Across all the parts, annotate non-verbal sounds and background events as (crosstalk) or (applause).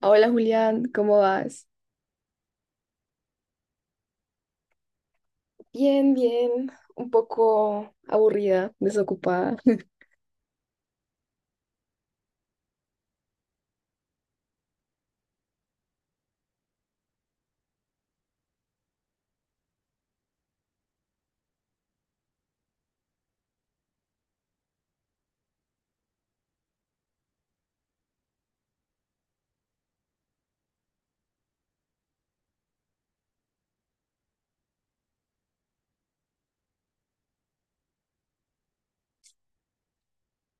Hola Julián, ¿cómo vas? Bien, bien, un poco aburrida, desocupada. (laughs)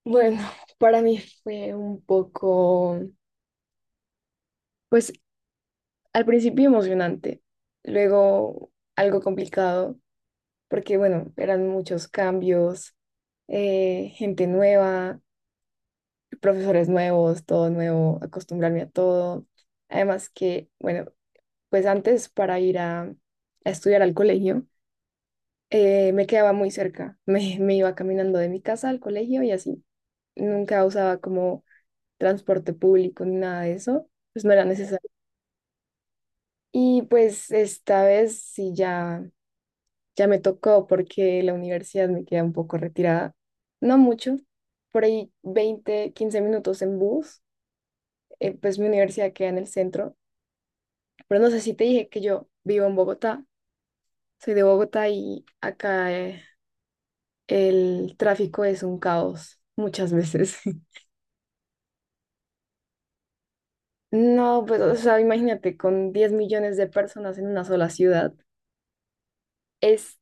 Bueno, para mí fue un poco, pues al principio emocionante, luego algo complicado, porque bueno, eran muchos cambios, gente nueva, profesores nuevos, todo nuevo, acostumbrarme a todo. Además que, bueno, pues antes para ir a estudiar al colegio, me quedaba muy cerca. (laughs) Me iba caminando de mi casa al colegio y así. Nunca usaba como transporte público ni nada de eso. Pues no era necesario. Y pues esta vez sí ya me tocó porque la universidad me queda un poco retirada. No mucho, por ahí 20 15 minutos en bus. Pues mi universidad queda en el centro. Pero no sé si te dije que yo vivo en Bogotá. Soy de Bogotá y acá el tráfico es un caos muchas veces. (laughs) No, pues, o sea, imagínate, con 10 millones de personas en una sola ciudad, es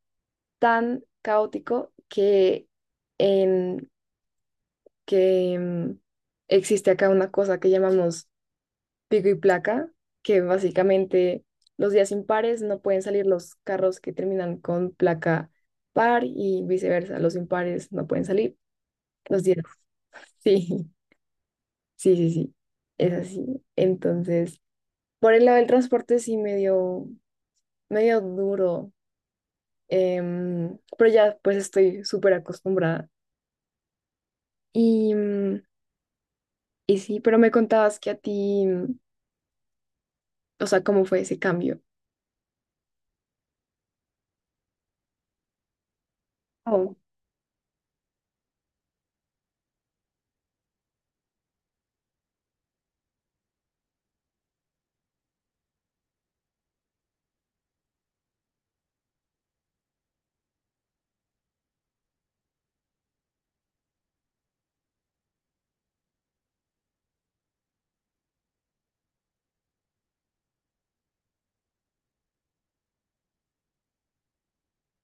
tan caótico que, en, que existe acá una cosa que llamamos pico y placa, que básicamente los días impares no pueden salir los carros que terminan con placa par y viceversa, los impares no pueden salir los días. (laughs) Sí, sí, sí, sí, es así. Entonces, por el lado del transporte sí medio, medio duro. Em, pero ya pues estoy súper acostumbrada. Y, y sí, pero me contabas que a ti, o sea, ¿cómo fue ese cambio? Oh.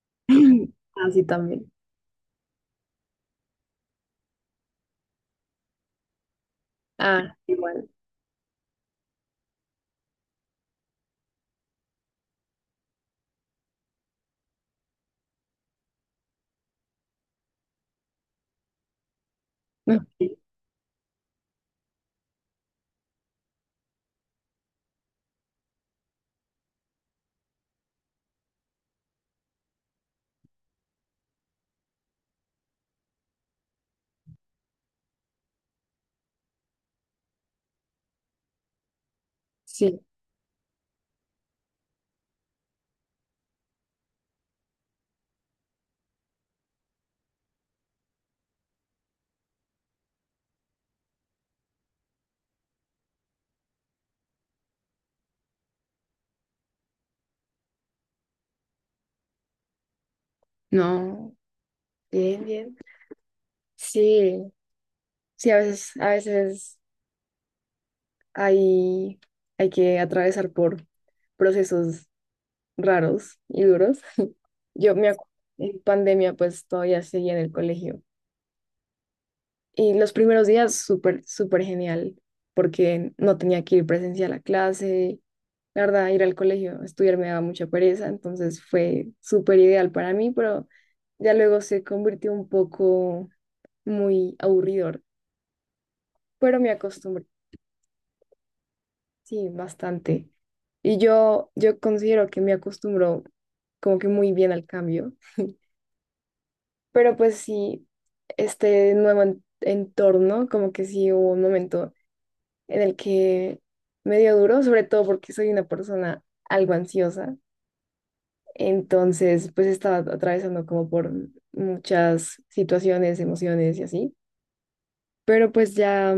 (laughs) (clears throat) Ah, sí, también. Ah, igual. Ok. Sí, no, bien, bien. Sí, sí, a veces hay, hay que atravesar por procesos raros y duros. (laughs) Yo me acuerdo, en pandemia pues todavía seguía en el colegio. Y los primeros días súper, súper genial, porque no tenía que ir presencial a clase. La verdad, ir al colegio, estudiar me daba mucha pereza, entonces fue súper ideal para mí, pero ya luego se convirtió un poco muy aburridor, pero me acostumbré, sí, bastante. Y yo considero que me acostumbro como que muy bien al cambio, pero pues sí, este nuevo entorno, como que sí hubo un momento en el que me dio duro, sobre todo porque soy una persona algo ansiosa. Entonces, pues estaba atravesando como por muchas situaciones, emociones y así. Pero pues ya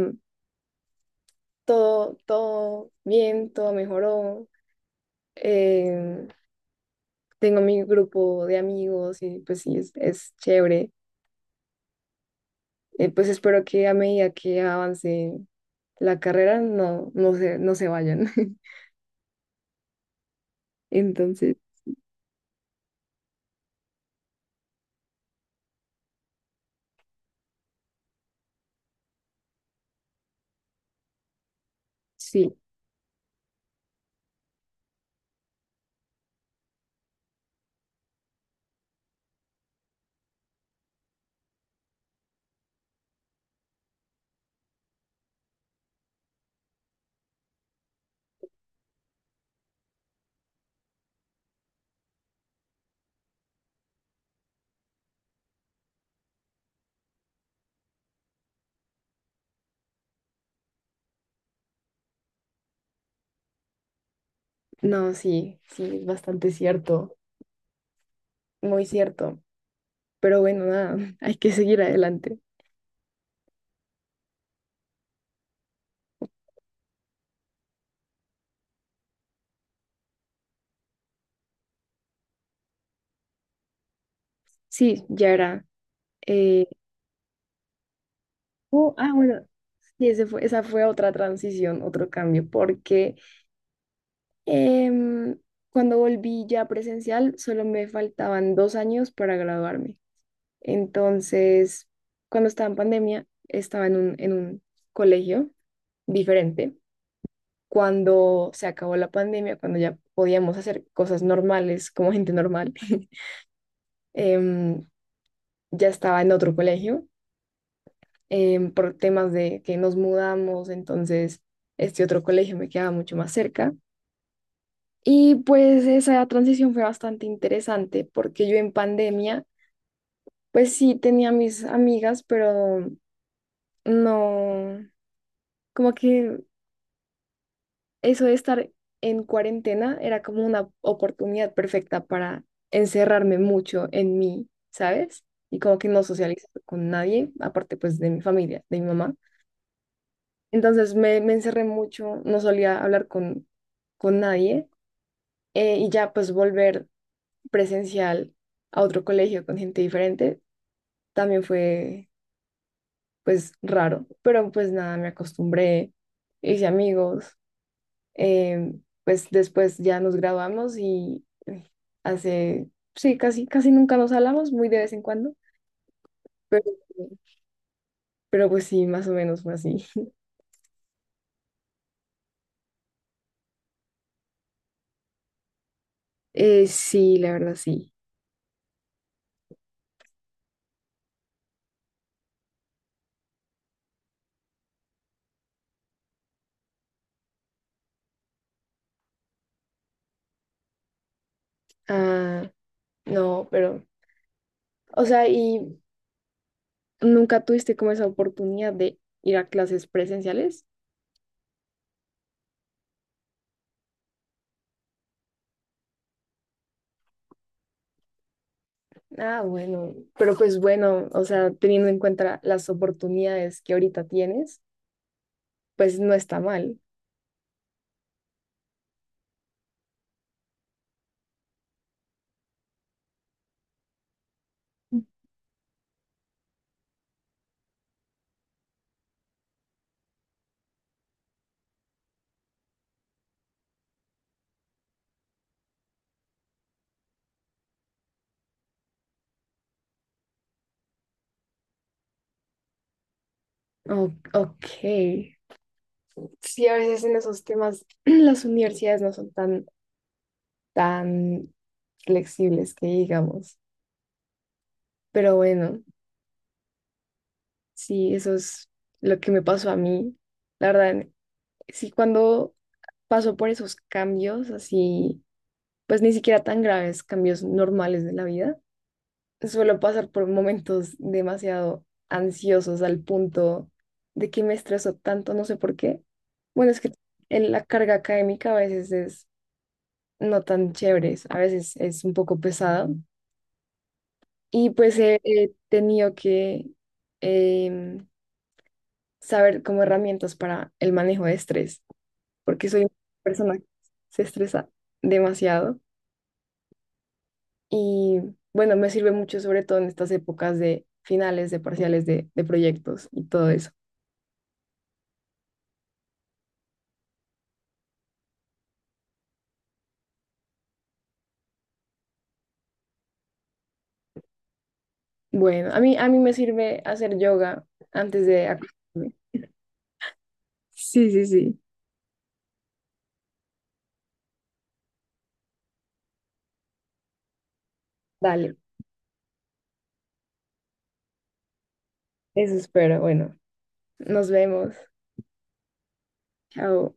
todo, todo bien, todo mejoró. Eh, Tengo mi grupo de amigos y pues sí, es chévere. Pues espero que a medida que avance la carrera no, no se vayan. (laughs) Entonces, sí, no, sí, sí, es bastante cierto. Muy cierto, pero bueno, nada, (laughs) hay que seguir adelante. Sí, ya era. eh, oh, ah, bueno, sí, esa fue otra transición, otro cambio, porque em, cuando volví ya presencial, solo me faltaban 2 años para graduarme. Entonces, cuando estaba en pandemia, estaba en un colegio diferente. Cuando se acabó la pandemia, cuando ya podíamos hacer cosas normales como gente normal, (laughs) em, ya estaba en otro colegio por temas de que nos mudamos, entonces este otro colegio me quedaba mucho más cerca. Y pues esa transición fue bastante interesante porque yo en pandemia, pues sí tenía mis amigas, pero no, como que eso de estar en cuarentena era como una oportunidad perfecta para encerrarme mucho en mí, ¿sabes? Y como que no socializar con nadie, aparte pues de mi familia, de mi mamá. Entonces me encerré mucho, no solía hablar con nadie y ya pues volver presencial a otro colegio con gente diferente también fue pues raro, pero pues nada, me acostumbré, hice amigos, eh, pues después ya nos graduamos y hace, sí, casi, casi nunca nos hablamos, muy de vez en cuando, pero, pero pues sí, más o menos fue así. Sí, la verdad sí. Ah, no, pero, o sea, y... ¿Nunca tuviste como esa oportunidad de ir a clases presenciales? Ah, bueno, pero pues bueno, o sea, teniendo en cuenta las oportunidades que ahorita tienes, pues no está mal. O- ok. Sí, a veces en esos temas (clears throat) las universidades no son tan, tan flexibles que digamos. Pero bueno, sí, eso es lo que me pasó a mí. La verdad, sí, cuando paso por esos cambios así, pues ni siquiera tan graves, cambios normales de la vida suelo pasar por momentos demasiado ansiosos al punto de que me estreso tanto, no sé por qué. Bueno, es que la carga académica a veces es no tan chévere, a veces es un poco pesada y pues he tenido que em, saber como herramientas para el manejo de estrés, porque soy una persona que se estresa demasiado y bueno, me sirve mucho sobre todo en estas épocas de finales, de parciales, de proyectos y todo eso. Bueno, a mí me sirve hacer yoga antes de acostarme. Sí, sí, sí. Dale, eso espero. Bueno, nos vemos. Chao.